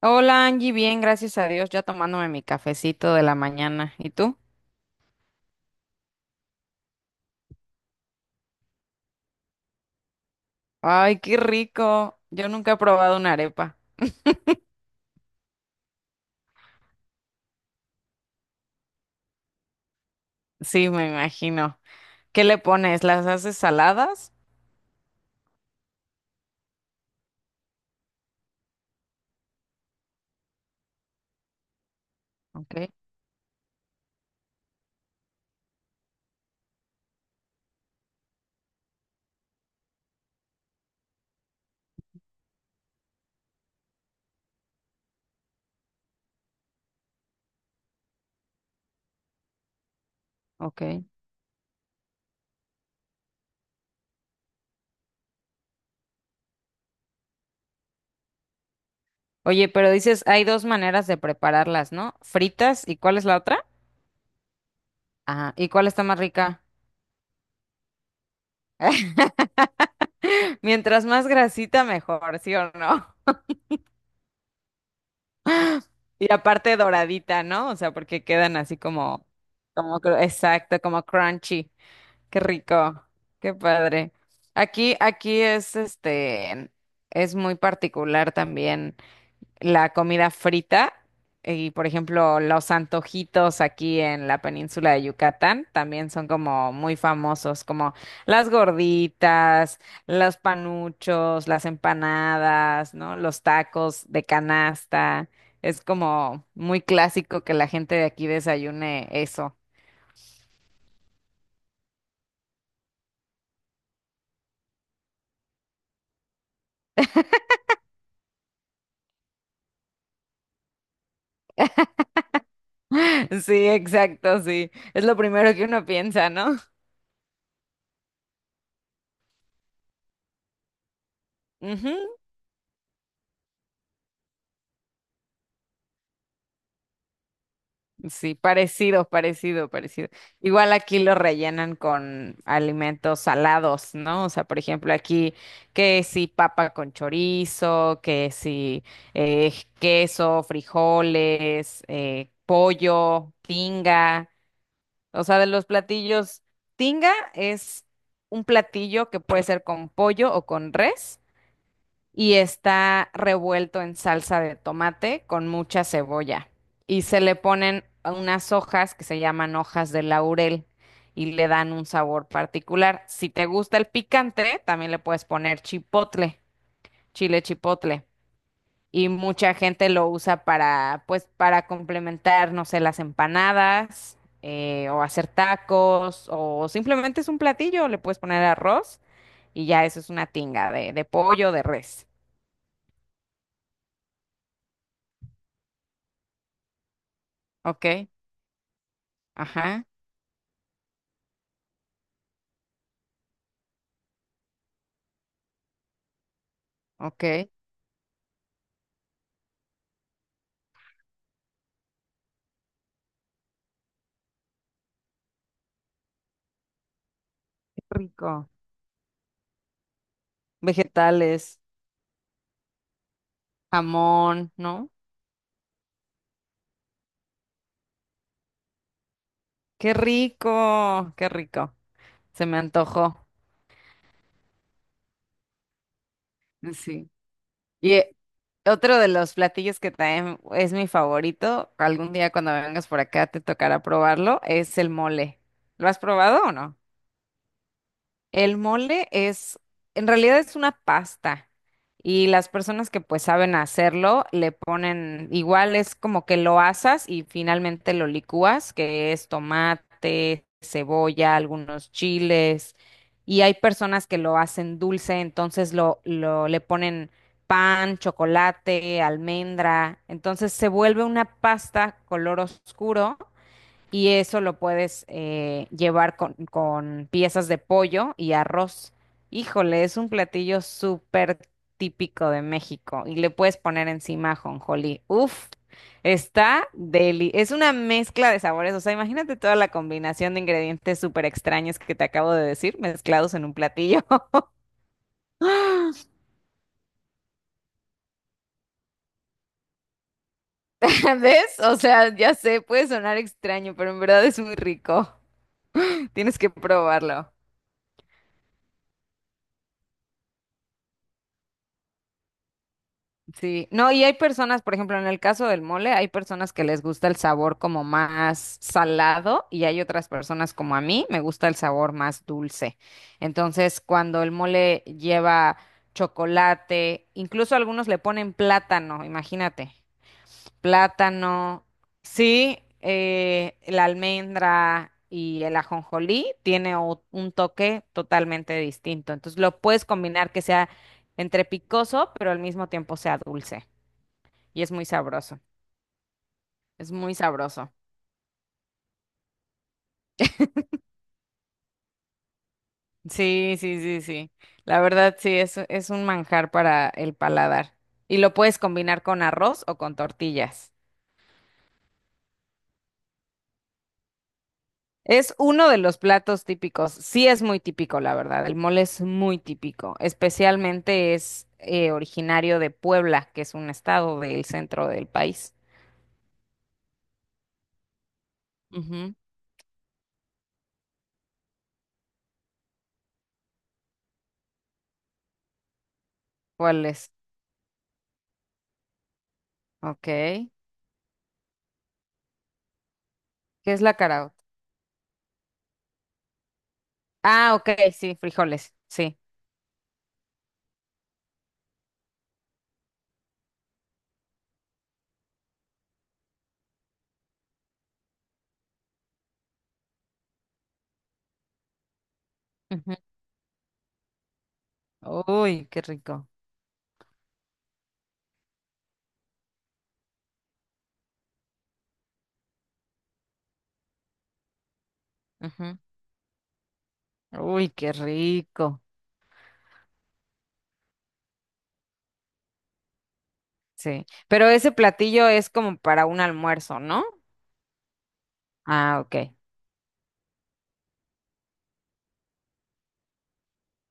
Hola Angie, bien, gracias a Dios, ya tomándome mi cafecito de la mañana. ¿Y tú? Ay, qué rico. Yo nunca he probado una arepa. Sí, me imagino. ¿Qué le pones? ¿Las haces saladas? Ok, ok. Oye, pero dices, hay dos maneras de prepararlas, ¿no? Fritas, ¿y cuál es la otra? Ah, ¿y cuál está más rica? Mientras más grasita, mejor, ¿sí o no? Y aparte doradita, ¿no? O sea, porque quedan así como, exacto, como crunchy. Qué rico, qué padre. Aquí es este, es muy particular también la comida frita y, por ejemplo, los antojitos aquí en la península de Yucatán también son como muy famosos, como las gorditas, los panuchos, las empanadas, ¿no? Los tacos de canasta. Es como muy clásico que la gente de aquí desayune eso. Sí, exacto, sí. Es lo primero que uno piensa, ¿no? Ujú. Sí, parecido, parecido, parecido. Igual aquí lo rellenan con alimentos salados, ¿no? O sea, por ejemplo, aquí que si papa con chorizo, que si eh, queso, frijoles, pollo, tinga. O sea, de los platillos, tinga es un platillo que puede ser con pollo o con res. Y está revuelto en salsa de tomate con mucha cebolla. Y se le ponen unas hojas que se llaman hojas de laurel y le dan un sabor particular. Si te gusta el picante, también le puedes poner chipotle, chile chipotle. Y mucha gente lo usa para, pues, para complementar, no sé, las empanadas, o hacer tacos, o simplemente es un platillo, le puedes poner arroz y ya eso es una tinga de pollo, de res. ¿Ok? Ajá, ok. Qué rico. Vegetales. Jamón, ¿no? Qué rico, qué rico. Se me antojó. Sí. Y otro de los platillos que también es mi favorito, algún día cuando vengas por acá te tocará probarlo, es el mole. ¿Lo has probado o no? El mole es, en realidad es una pasta y las personas que pues saben hacerlo le ponen, igual es como que lo asas y finalmente lo licúas, que es tomate, cebolla, algunos chiles y hay personas que lo hacen dulce, entonces lo le ponen pan, chocolate, almendra, entonces se vuelve una pasta color oscuro y eso lo puedes llevar con, piezas de pollo y arroz. Híjole, es un platillo súper típico de México y le puedes poner encima ajonjolí. Uf, está deli. Es una mezcla de sabores, o sea, imagínate toda la combinación de ingredientes súper extraños que te acabo de decir, mezclados en un platillo. ¿Ves? O sea, ya sé, puede sonar extraño, pero en verdad es muy rico. Tienes que probarlo. Sí, no, y hay personas, por ejemplo, en el caso del mole, hay personas que les gusta el sabor como más salado y hay otras personas como a mí, me gusta el sabor más dulce. Entonces, cuando el mole lleva chocolate, incluso algunos le ponen plátano, imagínate, plátano, sí, la almendra y el ajonjolí tiene un toque totalmente distinto. Entonces, lo puedes combinar que sea entre picoso, pero al mismo tiempo sea dulce. Y es muy sabroso, es muy sabroso. Sí, sí, sí, sí. La verdad, sí, es un manjar para el paladar. Y lo puedes combinar con arroz o con tortillas. Es uno de los platos típicos. Sí, es muy típico, la verdad. El mole es muy típico. Especialmente es originario de Puebla, que es un estado del centro del país. Ujú. ¿Cuál es? Ok. ¿Qué es la caraota? Ah, ok, sí, frijoles. Sí. Ujú. Uy, qué rico. Ujú. Uy, qué rico. Sí. Pero ese platillo es como para un almuerzo, ¿no? Ah, ok.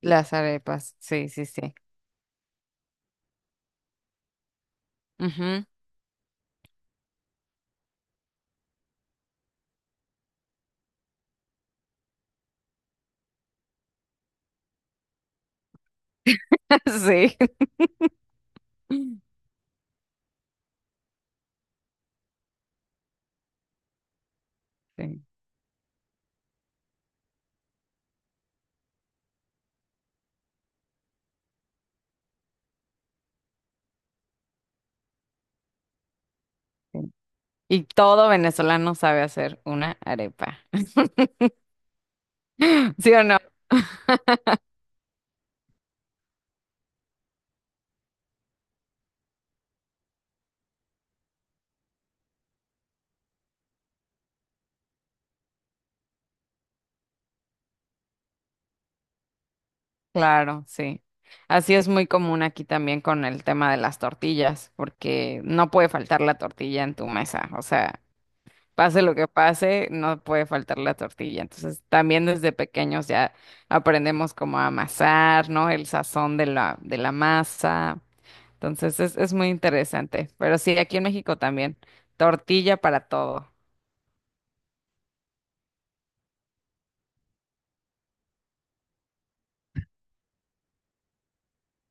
Las arepas. Sí, sí, sí. Ujú. Sí. Sí, sí. Y todo venezolano sabe hacer una arepa. ¿Sí o no? Claro, sí. Así es muy común aquí también con el tema de las tortillas, porque no puede faltar la tortilla en tu mesa. O sea, pase lo que pase, no puede faltar la tortilla. Entonces, también desde pequeños ya aprendemos cómo amasar, ¿no? El sazón de la masa. Entonces, es muy interesante. Pero sí, aquí en México también, tortilla para todo.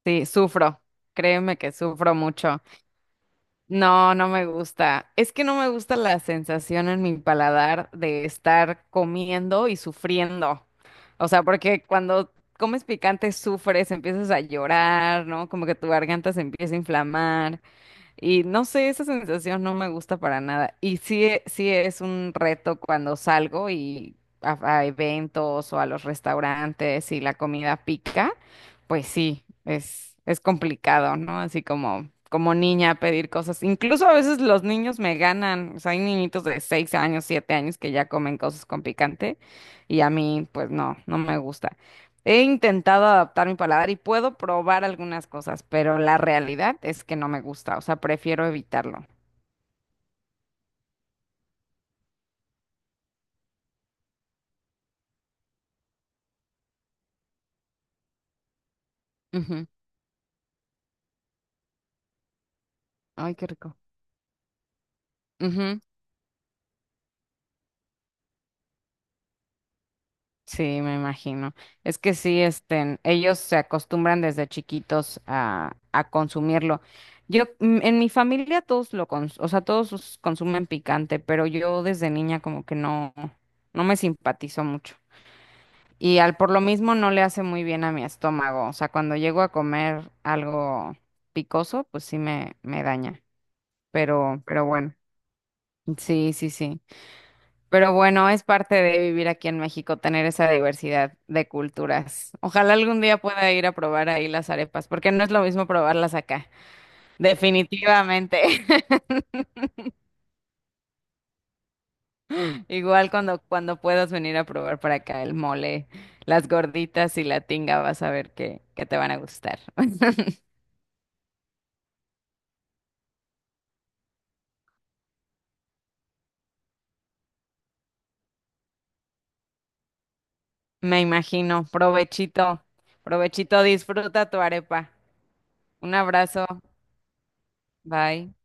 Sí, sufro. Créeme que sufro mucho. No, no me gusta. Es que no me gusta la sensación en mi paladar de estar comiendo y sufriendo. O sea, porque cuando comes picante sufres, empiezas a llorar, ¿no? Como que tu garganta se empieza a inflamar. Y no sé, esa sensación no me gusta para nada. Y sí, sí es un reto cuando salgo y a eventos o a los restaurantes y la comida pica, pues sí, es complicado, ¿no? Así como, como niña pedir cosas. Incluso a veces los niños me ganan. O sea, hay niñitos de 6 años, 7 años que ya comen cosas con picante y a mí, pues no, no me gusta. He intentado adaptar mi paladar y puedo probar algunas cosas, pero la realidad es que no me gusta, o sea, prefiero evitarlo. Ujú. Ay, qué rico. Ujú. Sí, me imagino. Es que sí, este, ellos se acostumbran desde chiquitos a consumirlo. Yo, en mi familia todos lo o sea, todos consumen picante, pero yo desde niña como que no, no me simpatizó mucho. Y al por lo mismo no le hace muy bien a mi estómago. O sea, cuando llego a comer algo picoso, pues sí me, daña. Pero bueno, sí, sí, sí. Pero bueno, es parte de vivir aquí en México, tener esa diversidad de culturas. Ojalá algún día pueda ir a probar ahí las arepas, porque no es lo mismo probarlas acá. Definitivamente. Igual cuando, puedas venir a probar para acá el mole, las gorditas y la tinga, vas a ver que te van a gustar. Me imagino. Provechito. Provechito, disfruta tu arepa. Un abrazo. Bye.